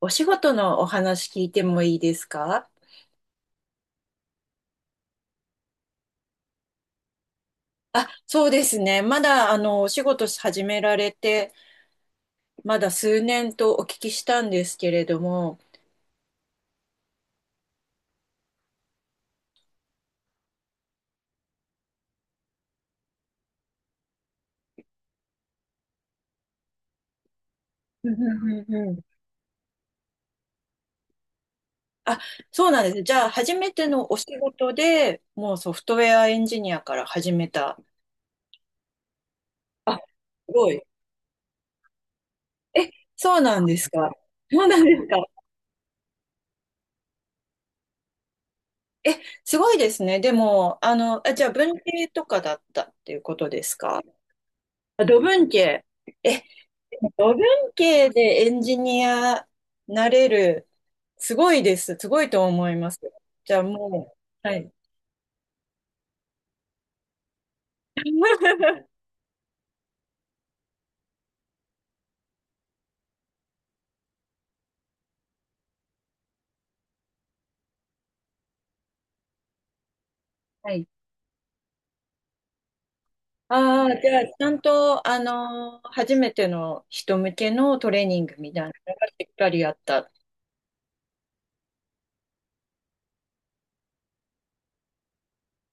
お仕事のお話聞いてもいいですか？あ、そうですね。まだ、お仕事始められて、まだ数年とお聞きしたんですけれども。うんうんうんうん。あ、そうなんですね。じゃあ、初めてのお仕事でもうソフトウェアエンジニアから始めた。あ、すごい。え、そうなんですか。そうなんですか。え、すごいですね。でも、じゃあ、文系とかだったっていうことですか？あ、土文系。え、五分系でエンジニアなれる、すごいです。すごいと思います。じゃあもう、はい。はい。ああ、じゃあ、ちゃんと、初めての人向けのトレーニングみたいなのがしっかりあった。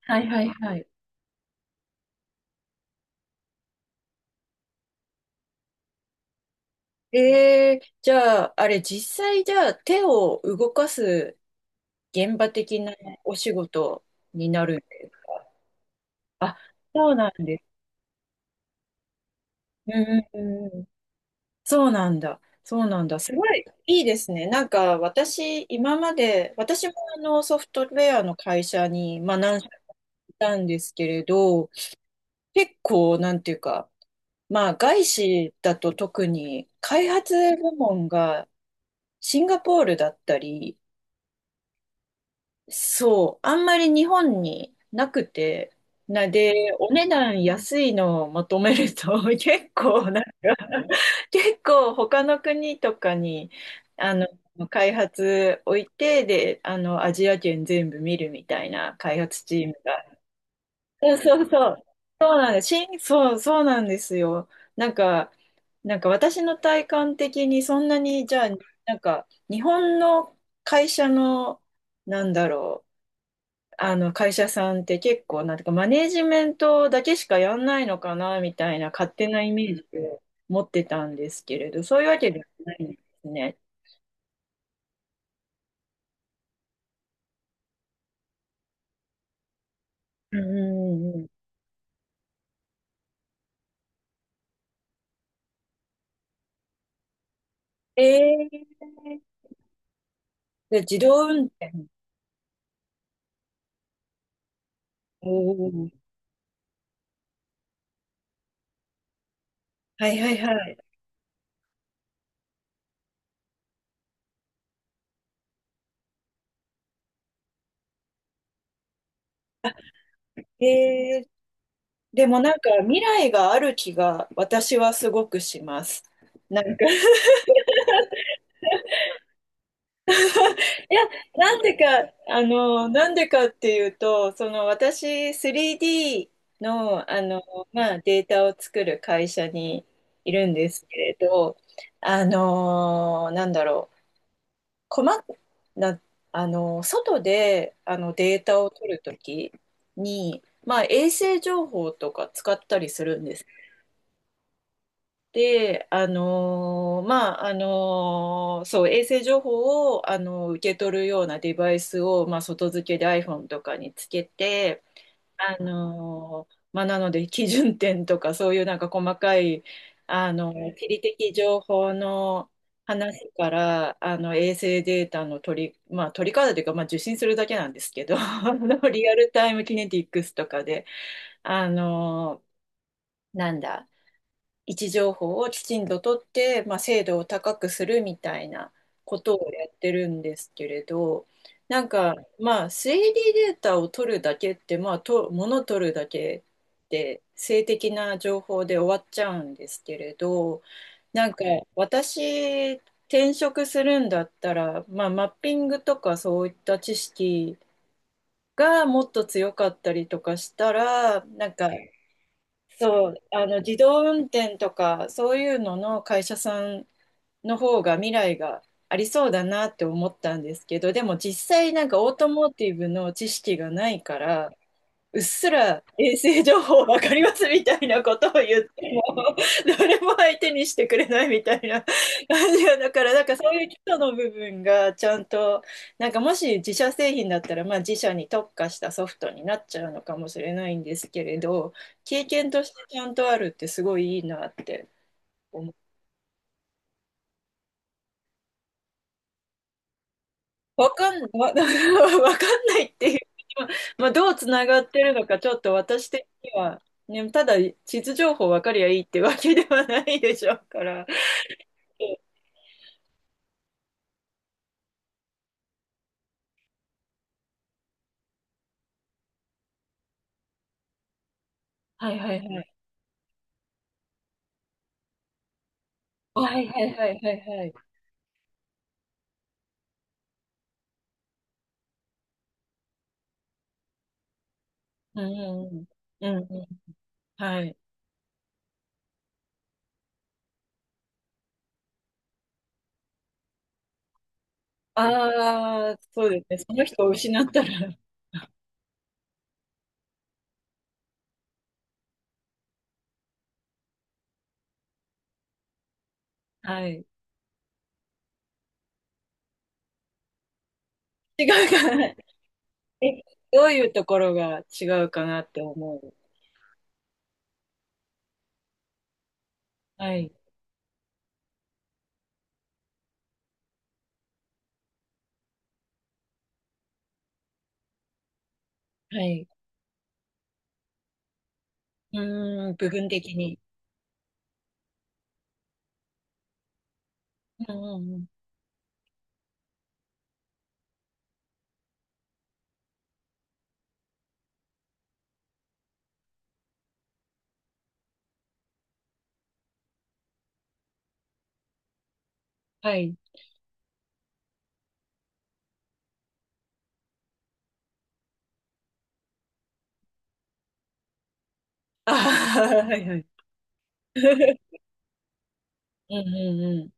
はいはいはい。えー、じゃあ、あれ、実際、じゃあ、手を動かす現場的なお仕事になるんですか？あ、そうなんです。うんうんうん、そうなんだ。そうなんだ。すごいいいですね。なんか私、今まで、私もあのソフトウェアの会社に、まあ、何社かいたんですけれど、結構、なんていうか、まあ、外資だと特に開発部門がシンガポールだったり、そう、あんまり日本になくて、な、で、お値段安いのをまとめると、結構なんか、結構他の国とかに、あの、開発置いて、で、あの、アジア圏全部見るみたいな開発チームが。そうそうそう。そうなんです。しんそう、そうなんですよ。なんか、なんか私の体感的にそんなに、じゃあ、なんか、日本の会社の、なんだろう、あの会社さんって結構、なんていうか、マネージメントだけしかやんないのかな、みたいな勝手なイメージを持ってたんですけれど、そういうわけではないんですね。うんうんうん。えー、で自動運転。おー、はいはいはい。えー、でもなんか未来がある気が私はすごくします。なんか、いや、なんでか、なんでかっていうと、その私、3D の、あの、まあ、データを作る会社にいるんですけれど、あの、なんだろう、細かな、あの、外で、あの、データを取るときに、まあ、衛星情報とか使ったりするんです。で、そう、衛星情報を、受け取るようなデバイスを、まあ、外付けで iPhone とかにつけて、なので、基準点とか、そういうなんか細かい、地理的情報の話から、あの、衛星データの取り、まあ、取り方というか、まあ、受信するだけなんですけど、あのリアルタイムキネティックスとかで、あのーなんだ、位置情報をきちんと取って、まあ、精度を高くするみたいなことをやってるんですけれど、なんか、まあ、3D ディーデータを取るだけって、まあ、と、物取るだけで、性的な情報で終わっちゃうんですけれど、なんか、私、転職するんだったら、まあ、マッピングとかそういった知識がもっと強かったりとかしたら、なんか、そう、あの自動運転とかそういうのの会社さんの方が未来がありそうだなって思ったんですけど、でも実際なんかオートモーティブの知識がないから、うっすら衛星情報わかりますみたいなことを言っても、誰も相手にしてくれないみたいな感じが、だから、なんかそういう基礎の部分がちゃんと、なんかもし自社製品だったら、まあ自社に特化したソフトになっちゃうのかもしれないんですけれど、経験としてちゃんとあるってすごいいいなって思、わかん、わ、わかんないっていう、まあ、どうつながってるのか、ちょっと私的には、ね、ただ地図情報わかりゃいいってわけではないでしょうから。はいはいはい。はいはいはいはいはい。うんうんうん。うんうん。はい。ああ、そうですね。その人を失ったら、はい。違うかな。え、どういうところが違うかなって思う。はい。はい。うーん、部分的に。うんうんうん。はい。ああ、はいはい。うんうんうん。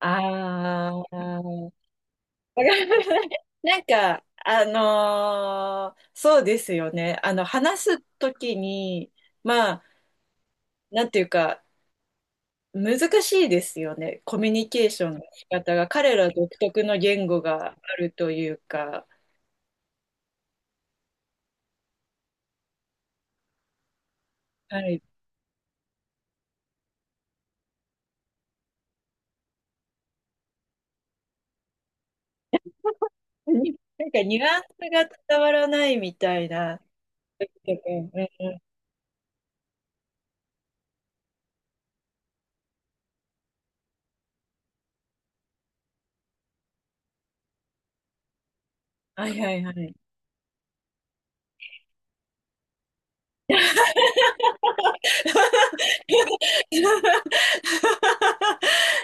ああ、わかります。なんか、そうですよね。あの、話すときに、まあ、なんていうか、難しいですよね。コミュニケーションの仕方が、彼ら独特の言語があるというか、はい。になんかニュアンスが伝わらないみたいな。うんうん、はいはいはい、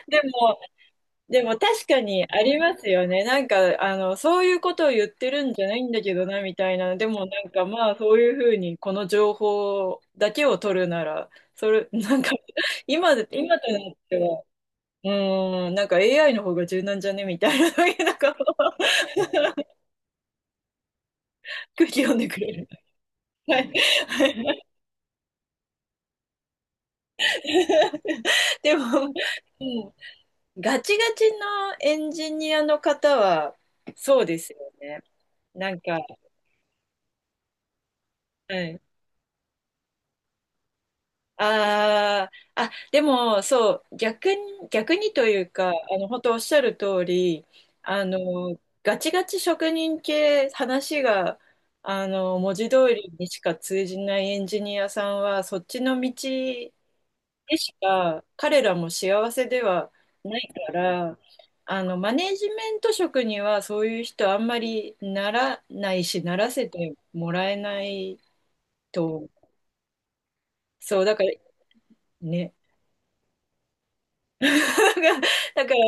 でも、でも確かにありますよね。なんか、あの、そういうことを言ってるんじゃないんだけどな、みたいな。でもなんかまあ、そういうふうに、この情報だけを取るなら、それ、なんか、今、今となっては、うーん、なんか AI の方が柔軟じゃねみたいな、なんか、空気読んでくれる。はい。でも、うん、ガチガチのエンジニアの方は、そうですよね。なんか、はい、ああ、あ、でも、そう、逆に、逆にというか、あの、本当おっしゃる通り、あの、ガチガチ職人系、話が、あの、文字通りにしか通じないエンジニアさんは、そっちの道でしか、彼らも幸せではないから、あの、マネジメント職には、そういう人あんまりならないし、ならせてもらえないと、そう、だから、ね、だから、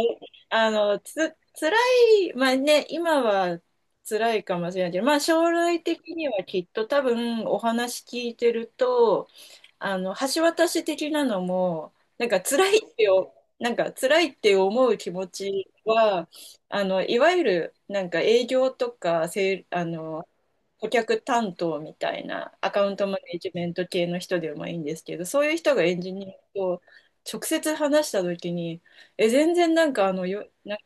あの、つ、辛い、まあね、今は辛いかもしれないけど、まあ将来的にはきっと多分お話聞いてると、あの、橋渡し的なのも、なんか辛いってよ、なんか辛いって思う気持ちは、あの、いわゆるなんか営業とか、せい、あの、顧客担当みたいなアカウントマネジメント系の人でもいいんですけど、そういう人がエンジニアと直接話した時に、え、全然なんかあの、よ、なんか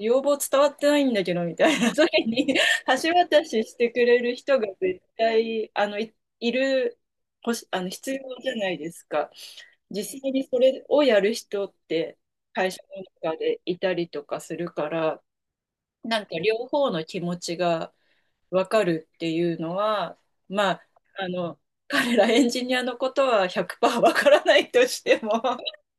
要望伝わってないんだけど、みたいな時に 橋渡ししてくれる人が絶対、あの、い、いる、ほし、あの、必要じゃないですか。実際にそれをやる人って会社の中でいたりとかするから、なんか両方の気持ちがわかるっていうのは、まあ、あの、彼らエンジニアのことは100%わからないとしても、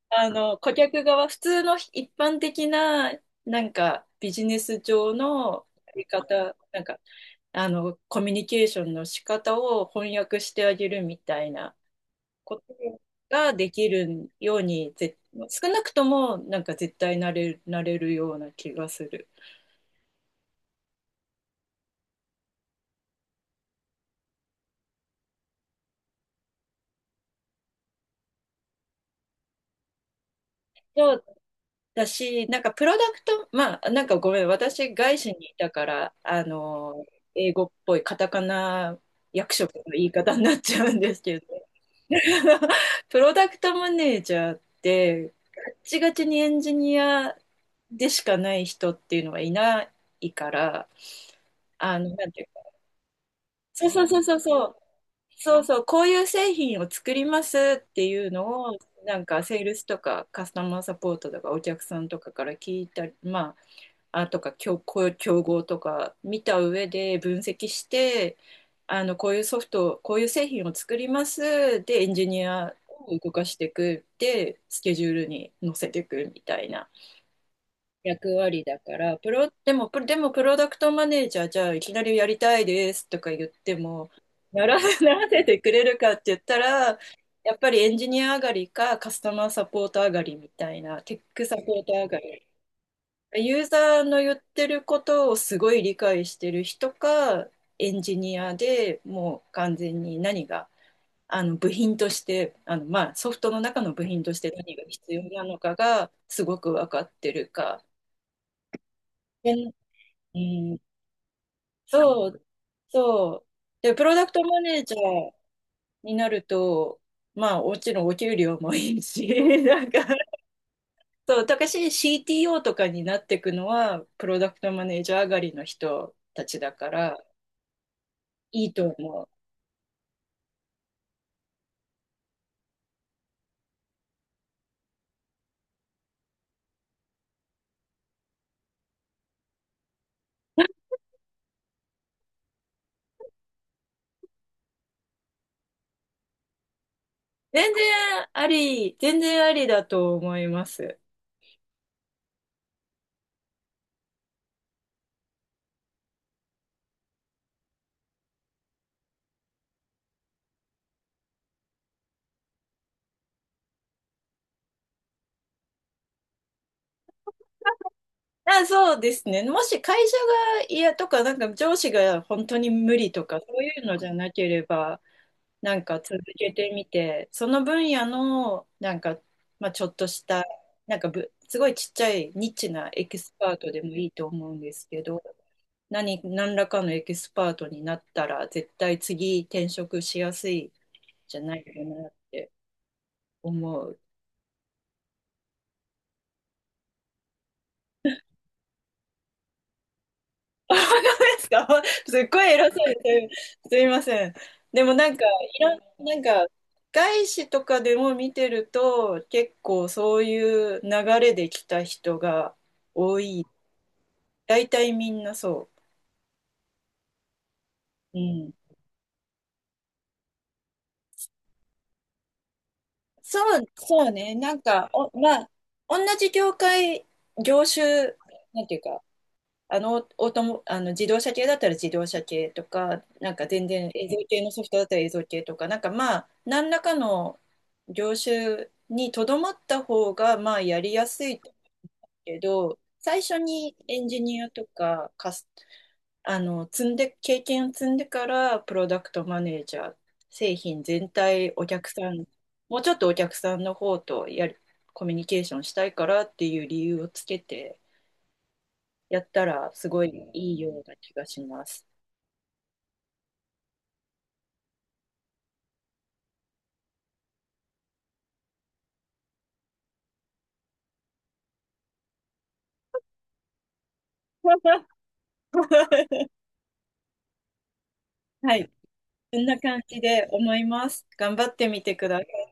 あの、顧客側、普通の一般的な、なんか、ビジネス上のやり方、なんか、あの、コミュニケーションの仕方を翻訳してあげるみたいなことができるように、ぜ、少なくとも、なんか絶対なれる、なれるような気がする。そうだし、なんかプロダクト、まあ、なんかごめん、私、外資にいたから、英語っぽいカタカナ役職の言い方になっちゃうんですけど、プロダクトマネージャーってガッチガチにエンジニアでしかない人っていうのはいないから、あの、なんていうか、そうそうそうそうそう、そうそう、こういう製品を作りますっていうのを、なんかセールスとかカスタマーサポートとかお客さんとかから聞いたり、まあとか競、こう競合とか見た上で分析して、こういうソフト、こういう製品を作ります。で、エンジニアを動かしていく。で、スケジュールに載せていくみたいな役割だから、プロ、でも、プロでもプロダクトマネージャー、じゃあいきなりやりたいですとか言っても、なら ならせてくれるかって言ったら、やっぱりエンジニア上がりかカスタマーサポート上がりみたいな、テックサポート上がりユーザーの言ってることをすごい理解してる人か、エンジニアでもう完全に何が、あの部品として、あのまあソフトの中の部品として何が必要なのかがすごく分かってるか。で、うん、そう、そう。で、プロダクトマネージャーになると、まあもちろんお給料もいいし なんか、そう、たかし CTO とかになっていくのは、プロダクトマネージャー上がりの人たちだから、いいと思う。全然あり、全然ありだと思います。あ、そうですね。もし会社が嫌とか、なんか上司が本当に無理とか、そういうのじゃなければ、なんか続けてみて、その分野の、なんか、まあ、ちょっとした、なんかぶ、すごいちっちゃいニッチなエキスパートでもいいと思うんですけど、何、何らかのエキスパートになったら、絶対次転職しやすいじゃないかなって思う。ですか すっごい偉そうですすいません。でもなんか、いろん、なんか、外資とかでも見てると、結構そういう流れで来た人が多い。大体みんなそう。うん。そう、そうね。なんか、お、まあ、同じ業界、業種、なんていうか、オートモ、あの自動車系だったら自動車系とか、なんか全然映像系のソフトだったら映像系とか、なんかまあ、何らかの業種にとどまった方が、まあ、やりやすいけど、最初にエンジニアとか、カス、積んで、経験を積んでから、プロダクトマネージャー、製品全体、お客さん、もうちょっとお客さんの方とやりコミュニケーションしたいからっていう理由をつけて、やったらすごいいいような気がします。はい、そんな感じで思います。頑張ってみてください。